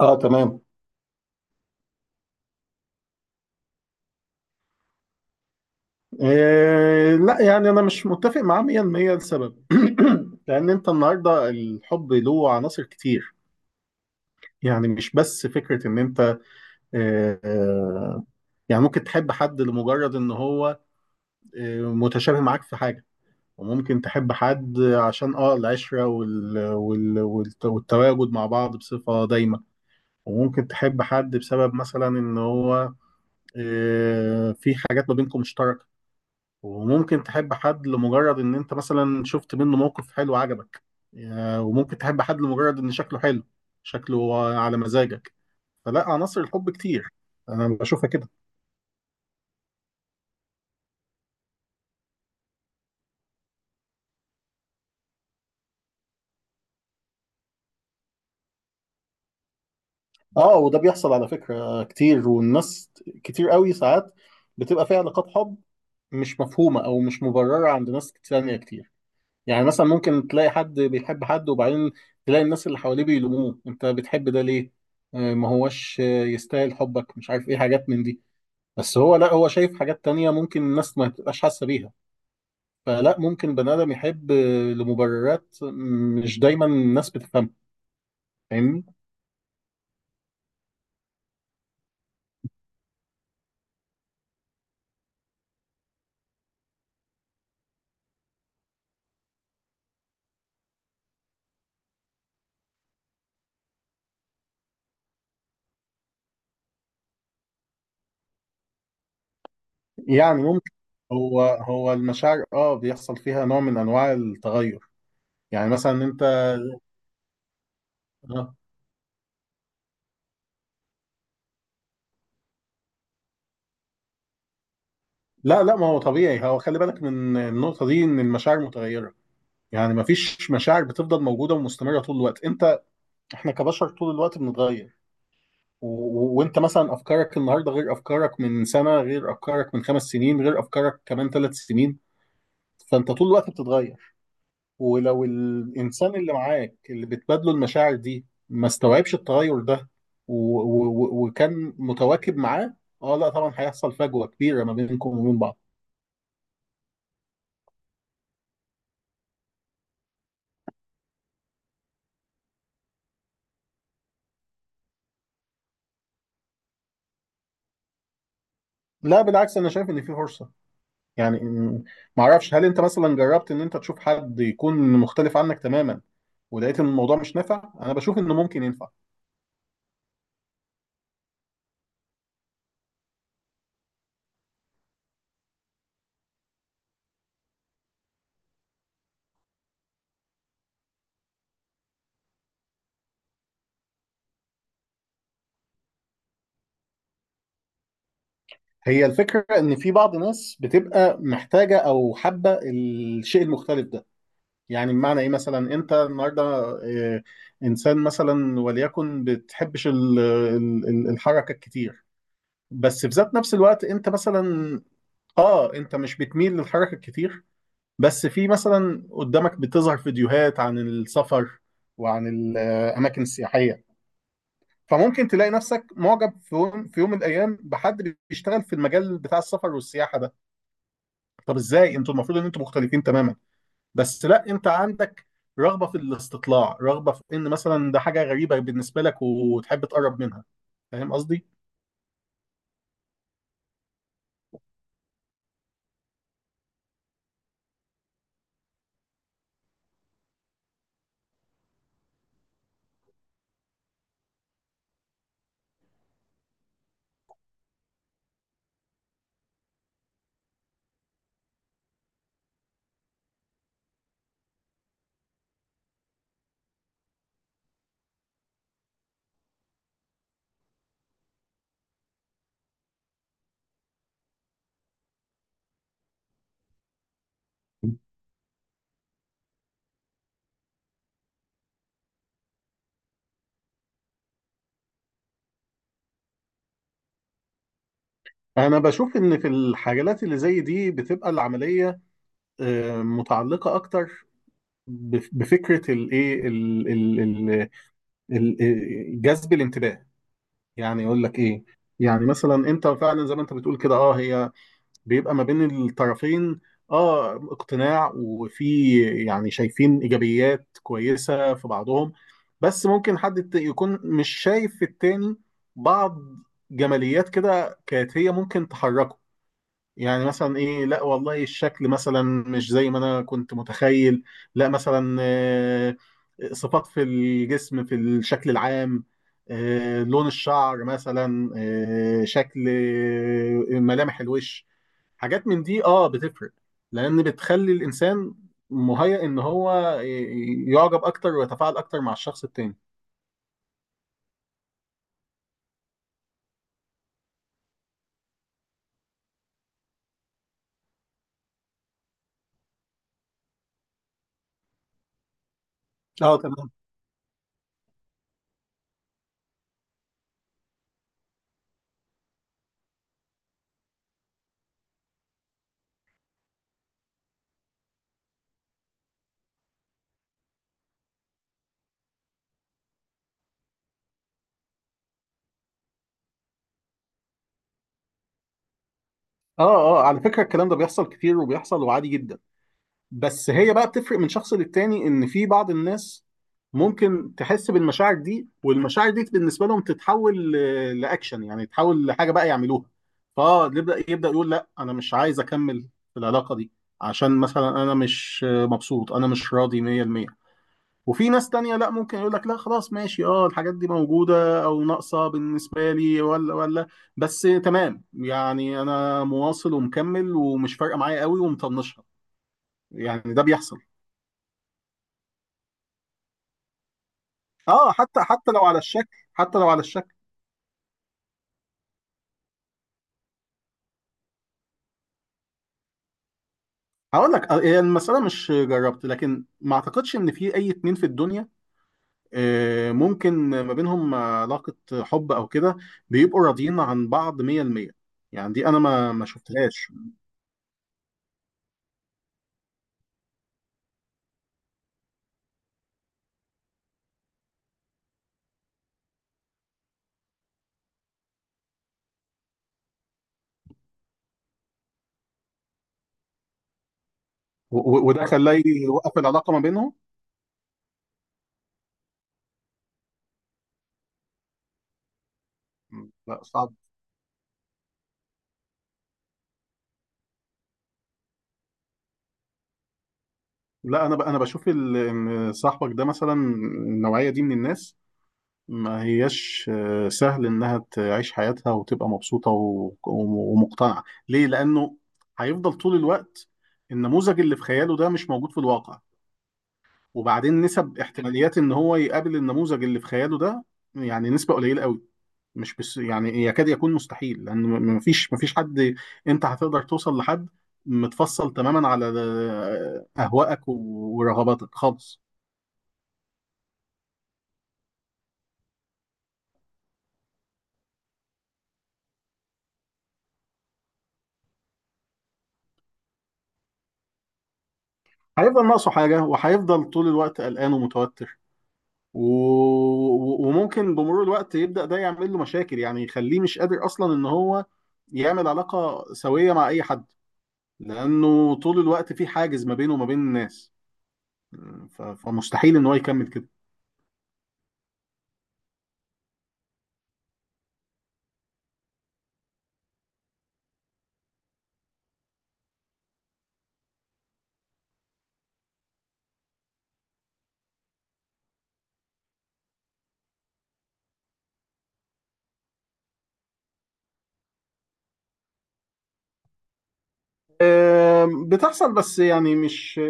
اه تمام. إيه لا يعني انا مش متفق معاه 100%. لسبب لان انت النهارده الحب له عناصر كتير. يعني مش بس فكره ان انت إيه، يعني ممكن تحب حد لمجرد ان هو إيه متشابه معاك في حاجه. وممكن تحب حد عشان اه العشره والتواجد مع بعض بصفه دايمه. وممكن تحب حد بسبب مثلا ان هو إيه في حاجات ما بينكم مشتركه. وممكن تحب حد لمجرد ان انت مثلا شفت منه موقف حلو عجبك. وممكن تحب حد لمجرد ان شكله حلو، شكله على مزاجك. فلا عناصر الحب كتير، انا بشوفها كده. اه، وده بيحصل على فكرة كتير، والناس كتير قوي ساعات بتبقى فيها علاقات حب مش مفهومة او مش مبررة عند ناس تانية كتير. يعني مثلا ممكن تلاقي حد بيحب حد، وبعدين تلاقي الناس اللي حواليه بيلوموه: انت بتحب ده ليه؟ ما هوش يستاهل حبك، مش عارف ايه حاجات من دي. بس هو، لا، هو شايف حاجات تانية ممكن الناس ما تبقاش حاسة بيها. فلا ممكن بني آدم يحب لمبررات مش دايما الناس بتفهمها. فاهمني؟ يعني ممكن، هو المشاعر اه بيحصل فيها نوع من انواع التغير. يعني مثلا انت آه. لا لا، ما هو طبيعي، هو خلي بالك من النقطة دي ان المشاعر متغيرة. يعني ما فيش مشاعر بتفضل موجودة ومستمرة طول الوقت. انت، احنا كبشر طول الوقت بنتغير. وانت مثلا افكارك النهارده غير افكارك من سنه، غير افكارك من 5 سنين، غير افكارك كمان 3 سنين. فانت طول الوقت بتتغير. ولو الانسان اللي معاك اللي بتبادله المشاعر دي ما استوعبش التغير ده وكان متواكب معاه، اه لا طبعا هيحصل فجوه كبيره ما بينكم وبين بعض. لا بالعكس، انا شايف ان في فرصه. يعني معرفش، هل انت مثلا جربت ان انت تشوف حد يكون مختلف عنك تماما ولقيت ان الموضوع مش نافع؟ انا بشوف انه ممكن ينفع. هي الفكرة إن في بعض ناس بتبقى محتاجة أو حابة الشيء المختلف ده. يعني بمعنى إيه؟ مثلا أنت النهاردة، آه، إنسان مثلا وليكن بتحبش الحركة الكتير. بس في ذات نفس الوقت أنت مثلا، أنت مش بتميل للحركة الكتير، بس في مثلا قدامك بتظهر فيديوهات عن السفر وعن الأماكن السياحية. فممكن تلاقي نفسك معجب في يوم في يوم من الأيام بحد بيشتغل في المجال بتاع السفر والسياحة ده. طب ازاي انتوا المفروض ان انتوا مختلفين تماما؟ بس لا، انت عندك رغبه في الاستطلاع، رغبه في ان مثلا ده حاجه غريبه بالنسبه لك وتحب تقرب منها. فاهم قصدي؟ انا بشوف ان في الحاجات اللي زي دي بتبقى العمليه متعلقه اكتر بفكره الايه جذب الانتباه. يعني يقول لك ايه، يعني مثلا انت فعلا زي ما انت بتقول كده. اه، هي بيبقى ما بين الطرفين اه اقتناع، وفي يعني شايفين ايجابيات كويسه في بعضهم، بس ممكن حد يكون مش شايف في التاني بعض جماليات كده كانت هي ممكن تحركه. يعني مثلا، ايه لا والله الشكل مثلا مش زي ما انا كنت متخيل. لا مثلا صفات في الجسم، في الشكل العام، لون الشعر مثلا، شكل، ملامح الوش، حاجات من دي اه بتفرق. لان بتخلي الانسان مهيأ ان هو يعجب اكتر ويتفاعل اكتر مع الشخص التاني. اه تمام. اه اه، على فكرة الكلام ده بيحصل كتير وبيحصل وعادي جدا. بس هي بقى بتفرق من شخص للتاني ان في بعض الناس ممكن تحس بالمشاعر دي، والمشاعر دي بالنسبة لهم تتحول لاكشن، يعني تتحول لحاجة بقى يعملوها. فاه يبدأ يقول لا انا مش عايز اكمل في العلاقة دي، عشان مثلا انا مش مبسوط، انا مش راضي 100%. وفي ناس تانية لا، ممكن يقول لك لا خلاص ماشي، اه الحاجات دي موجودة او ناقصة بالنسبة لي ولا ولا، بس تمام يعني انا مواصل ومكمل ومش فارقة معايا قوي ومطنشها. يعني ده بيحصل. اه، حتى لو على الشكل، حتى لو على الشكل. هقول لك هي المسألة مش جربت، لكن ما اعتقدش ان في اي 2 في الدنيا ممكن ما بينهم علاقة حب او كده بيبقوا راضيين عن بعض 100%. يعني دي انا ما شفتهاش. وده خلاني يوقف العلاقة ما بينهم. مم. لا صعب. لا، انا بشوف ان صاحبك ده مثلا النوعيه دي من الناس ما هياش سهل انها تعيش حياتها وتبقى مبسوطه ومقتنعه. ليه؟ لانه هيفضل طول الوقت النموذج اللي في خياله ده مش موجود في الواقع. وبعدين نسب احتماليات ان هو يقابل النموذج اللي في خياله ده، يعني نسبه قليله قوي، مش بس يعني، يكاد يكون مستحيل، لان مفيش حد. انت هتقدر توصل لحد متفصل تماما على اهوائك ورغباتك خالص؟ هيفضل ناقصه حاجه، وهيفضل طول الوقت قلقان ومتوتر، وممكن بمرور الوقت يبدا ده يعمل له مشاكل، يعني يخليه مش قادر اصلا ان هو يعمل علاقه سويه مع اي حد، لانه طول الوقت في حاجز ما بينه وما بين الناس. فمستحيل ان هو يكمل كده. بتحصل، بس يعني مش،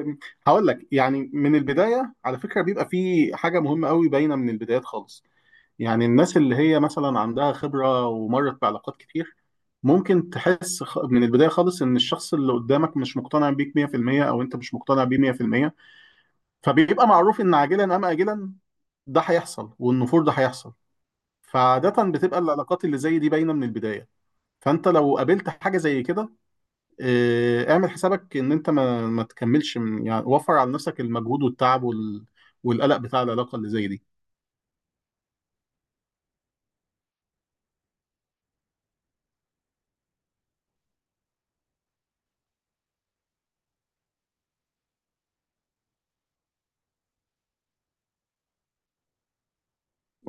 هقول لك يعني من البداية على فكرة بيبقى في حاجة مهمة قوي باينة من البدايات خالص. يعني الناس اللي هي مثلا عندها خبرة ومرت بعلاقات كتير ممكن تحس من البداية خالص ان الشخص اللي قدامك مش مقتنع بيك 100%، او انت مش مقتنع بيه 100%. فبيبقى معروف ان عاجلا ام اجلا ده هيحصل، والنفور ده هيحصل. فعادة بتبقى العلاقات اللي زي دي باينة من البداية. فانت لو قابلت حاجة زي كده اعمل حسابك ان انت ما تكملش، من يعني وفر على نفسك المجهود والتعب والقلق بتاع العلاقة اللي زي دي.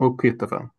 اوكي، اتفقنا.